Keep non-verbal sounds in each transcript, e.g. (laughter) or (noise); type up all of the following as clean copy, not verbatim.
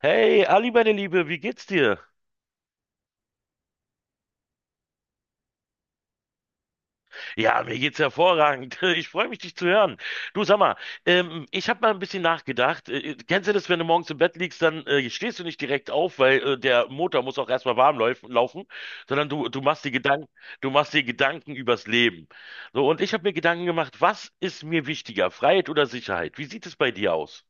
Hey, Ali, meine Liebe, wie geht's dir? Ja, mir geht's hervorragend. (laughs) Ich freue mich, dich zu hören. Du, sag mal, ich habe mal ein bisschen nachgedacht. Kennst du das, wenn du morgens im Bett liegst, dann stehst du nicht direkt auf, weil der Motor muss auch erstmal warm läuf laufen, sondern du machst dir Gedanken, du machst dir Gedanken übers Leben. So, und ich habe mir Gedanken gemacht, was ist mir wichtiger, Freiheit oder Sicherheit? Wie sieht es bei dir aus?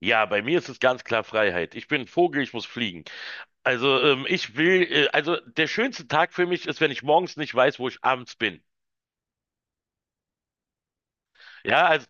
Ja, bei mir ist es ganz klar Freiheit. Ich bin ein Vogel, ich muss fliegen. Also ich will, also der schönste Tag für mich ist, wenn ich morgens nicht weiß, wo ich abends bin. Ja, also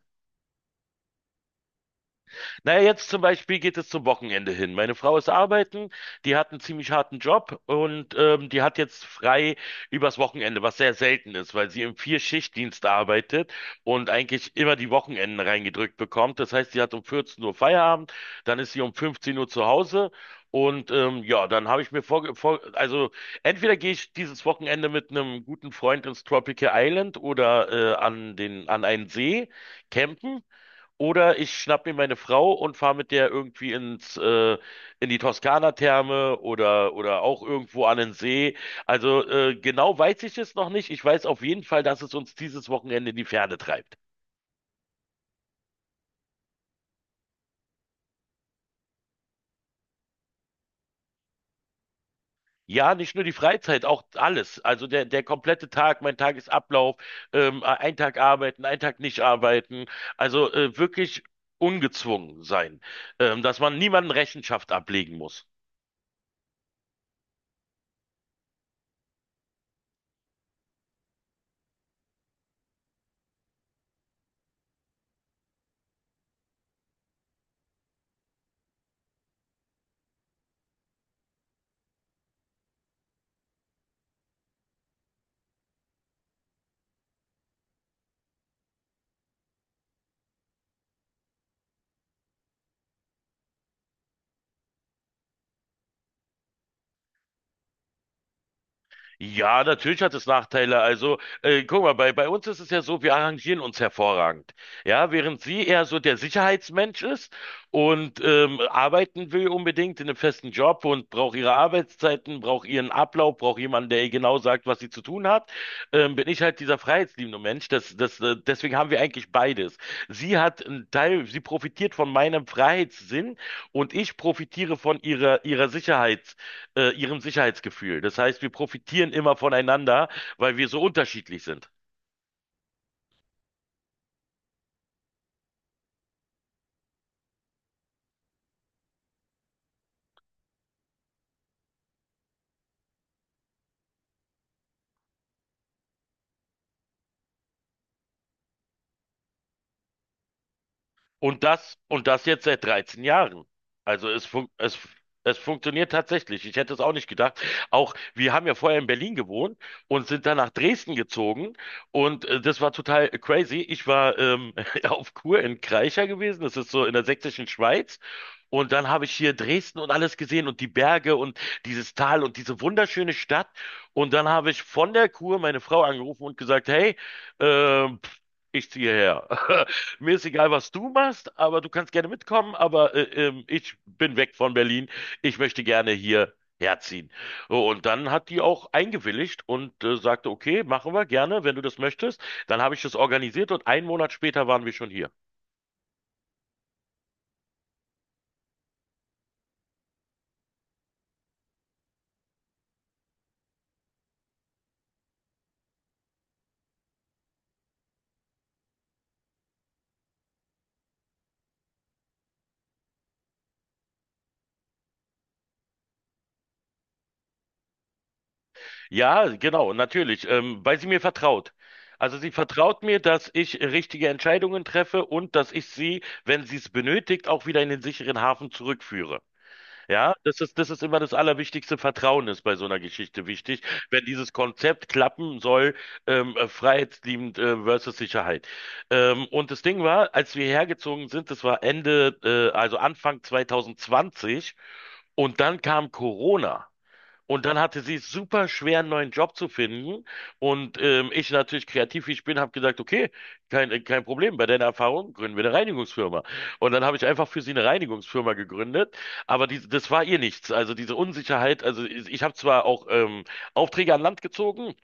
naja, jetzt zum Beispiel geht es zum Wochenende hin. Meine Frau ist arbeiten, die hat einen ziemlich harten Job und die hat jetzt frei übers Wochenende, was sehr selten ist, weil sie im Vier-Schicht-Dienst arbeitet und eigentlich immer die Wochenenden reingedrückt bekommt. Das heißt, sie hat um 14 Uhr Feierabend, dann ist sie um 15 Uhr zu Hause. Und ja, dann habe ich mir also entweder gehe ich dieses Wochenende mit einem guten Freund ins Tropical Island oder an an einen See campen. Oder ich schnapp mir meine Frau und fahre mit der irgendwie in die Toskana-Therme oder auch irgendwo an den See. Also genau weiß ich es noch nicht. Ich weiß auf jeden Fall, dass es uns dieses Wochenende in die Ferne treibt. Ja, nicht nur die Freizeit, auch alles. Also der komplette Tag, mein Tagesablauf, ein Tag arbeiten, ein Tag nicht arbeiten. Also wirklich ungezwungen sein, dass man niemanden Rechenschaft ablegen muss. Ja, natürlich hat es Nachteile. Also, guck mal, bei uns ist es ja so, wir arrangieren uns hervorragend. Ja, während sie eher so der Sicherheitsmensch ist und arbeiten will unbedingt in einem festen Job und braucht ihre Arbeitszeiten, braucht ihren Ablauf, braucht jemanden, der ihr genau sagt, was sie zu tun hat, bin ich halt dieser freiheitsliebende Mensch. Deswegen haben wir eigentlich beides. Sie hat einen Teil, sie profitiert von meinem Freiheitssinn und ich profitiere von ihrer Sicherheit ihrem Sicherheitsgefühl. Das heißt, wir profitieren immer voneinander, weil wir so unterschiedlich sind. Und das jetzt seit 13 Jahren. Also es, fun es, es funktioniert tatsächlich. Ich hätte es auch nicht gedacht. Auch wir haben ja vorher in Berlin gewohnt und sind dann nach Dresden gezogen. Und das war total crazy. Ich war (laughs) auf Kur in Kreischer gewesen. Das ist so in der sächsischen Schweiz. Und dann habe ich hier Dresden und alles gesehen und die Berge und dieses Tal und diese wunderschöne Stadt. Und dann habe ich von der Kur meine Frau angerufen und gesagt, hey, ähm, pff, ich ziehe her. (laughs) Mir ist egal, was du machst, aber du kannst gerne mitkommen, aber ich bin weg von Berlin. Ich möchte gerne hier herziehen. So, und dann hat die auch eingewilligt und sagte, okay, machen wir gerne, wenn du das möchtest. Dann habe ich das organisiert und einen Monat später waren wir schon hier. Ja, genau, natürlich, weil sie mir vertraut. Also sie vertraut mir, dass ich richtige Entscheidungen treffe und dass ich sie, wenn sie es benötigt, auch wieder in den sicheren Hafen zurückführe. Ja, das ist immer das Allerwichtigste. Vertrauen ist bei so einer Geschichte wichtig, wenn dieses Konzept klappen soll, freiheitsliebend, versus Sicherheit. Und das Ding war, als wir hergezogen sind, das war also Anfang 2020 und dann kam Corona. Und dann hatte sie es super schwer, einen neuen Job zu finden. Und ich natürlich kreativ, wie ich bin, habe gesagt, okay, kein Problem, bei deiner Erfahrung gründen wir eine Reinigungsfirma. Und dann habe ich einfach für sie eine Reinigungsfirma gegründet. Aber die, das war ihr nichts. Also diese Unsicherheit, also ich habe zwar auch Aufträge an Land gezogen,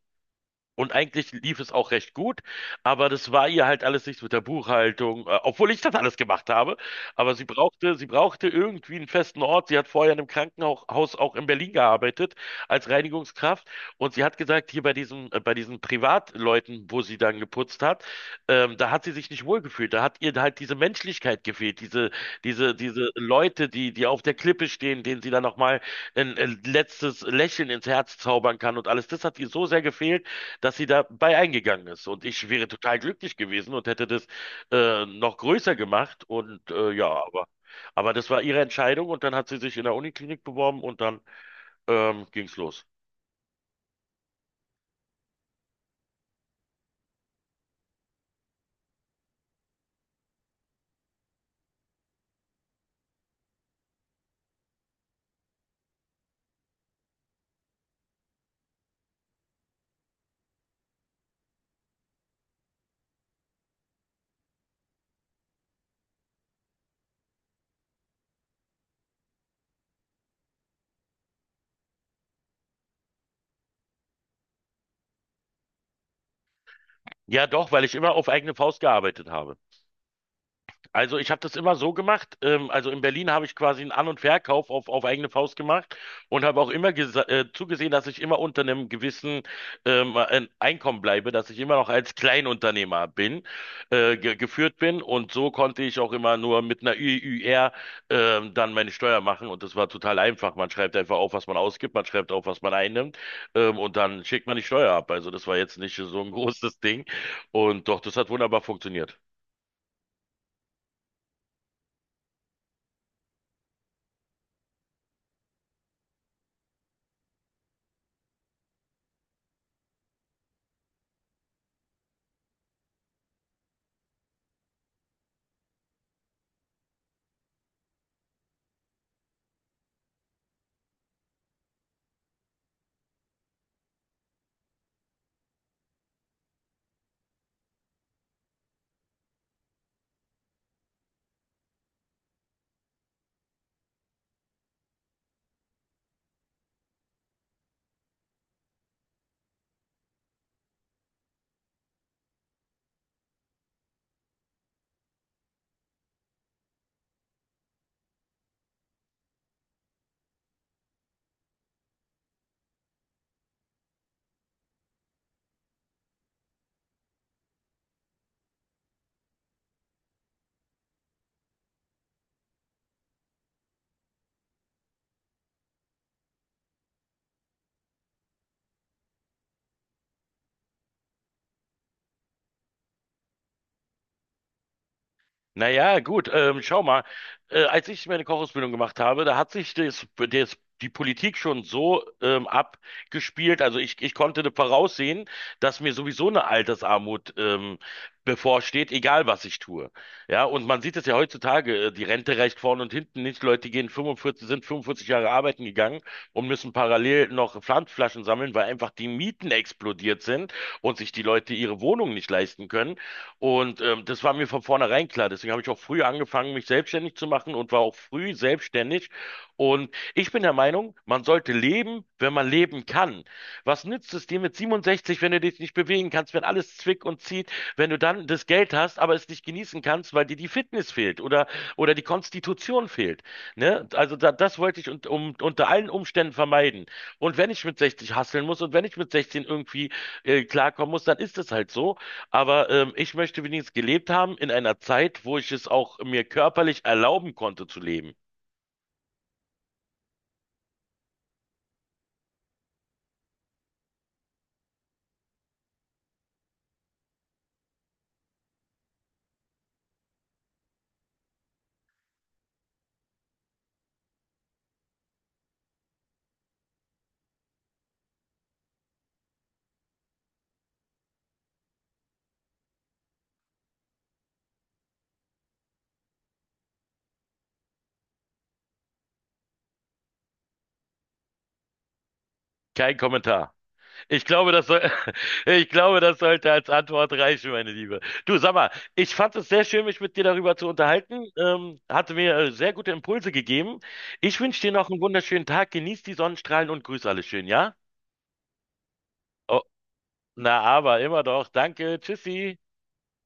und eigentlich lief es auch recht gut, aber das war ihr halt alles nichts mit der Buchhaltung, obwohl ich das alles gemacht habe. Aber sie brauchte irgendwie einen festen Ort. Sie hat vorher in einem Krankenhaus auch in Berlin gearbeitet als Reinigungskraft und sie hat gesagt, hier bei bei diesen Privatleuten, wo sie dann geputzt hat, da hat sie sich nicht wohlgefühlt. Da hat ihr halt diese Menschlichkeit gefehlt, diese Leute, die auf der Klippe stehen, denen sie dann nochmal ein letztes Lächeln ins Herz zaubern kann und alles. Das hat ihr so sehr gefehlt, dass sie dabei eingegangen ist. Und ich wäre total glücklich gewesen und hätte das noch größer gemacht. Und ja, aber das war ihre Entscheidung und dann hat sie sich in der Uniklinik beworben und dann ging's los. Ja, doch, weil ich immer auf eigene Faust gearbeitet habe. Also ich habe das immer so gemacht. Also in Berlin habe ich quasi einen An- und Verkauf auf eigene Faust gemacht und habe auch immer zugesehen, dass ich immer unter einem gewissen ein Einkommen bleibe, dass ich immer noch als Kleinunternehmer bin, ge geführt bin. Und so konnte ich auch immer nur mit einer ÜÜR dann meine Steuer machen. Und das war total einfach. Man schreibt einfach auf, was man ausgibt, man schreibt auf, was man einnimmt, und dann schickt man die Steuer ab. Also das war jetzt nicht so ein (laughs) großes Ding. Und doch, das hat wunderbar funktioniert. Naja, gut, schau mal. Als ich meine Kochausbildung gemacht habe, da hat sich die Politik schon so abgespielt. Also ich konnte da voraussehen, dass mir sowieso eine Altersarmut bevorsteht, egal was ich tue. Ja, und man sieht es ja heutzutage, die Rente reicht vorne und hinten nicht. Leute gehen 45, sind 45 Jahre arbeiten gegangen und müssen parallel noch Pfandflaschen sammeln, weil einfach die Mieten explodiert sind und sich die Leute ihre Wohnung nicht leisten können. Und das war mir von vornherein klar. Deswegen habe ich auch früh angefangen, mich selbstständig zu machen und war auch früh selbstständig. Und ich bin der Meinung, man sollte leben, wenn man leben kann. Was nützt es dir mit 67, wenn du dich nicht bewegen kannst, wenn alles zwickt und zieht, wenn du dann das Geld hast, aber es nicht genießen kannst, weil dir die Fitness fehlt oder die Konstitution fehlt. Ne? Also da, das wollte ich und, um, unter allen Umständen vermeiden. Und wenn ich mit 60 hasseln muss und wenn ich mit 16 irgendwie klarkommen muss, dann ist es halt so. Aber ich möchte wenigstens gelebt haben in einer Zeit, wo ich es auch mir körperlich erlauben konnte zu leben. Kein Kommentar. Ich glaube, das soll, (laughs) ich glaube, das sollte als Antwort reichen, meine Liebe. Du, sag mal, ich fand es sehr schön, mich mit dir darüber zu unterhalten. Hatte mir sehr gute Impulse gegeben. Ich wünsche dir noch einen wunderschönen Tag. Genieß die Sonnenstrahlen und grüß alle schön, ja? Oh, na, aber immer doch. Danke. Tschüssi.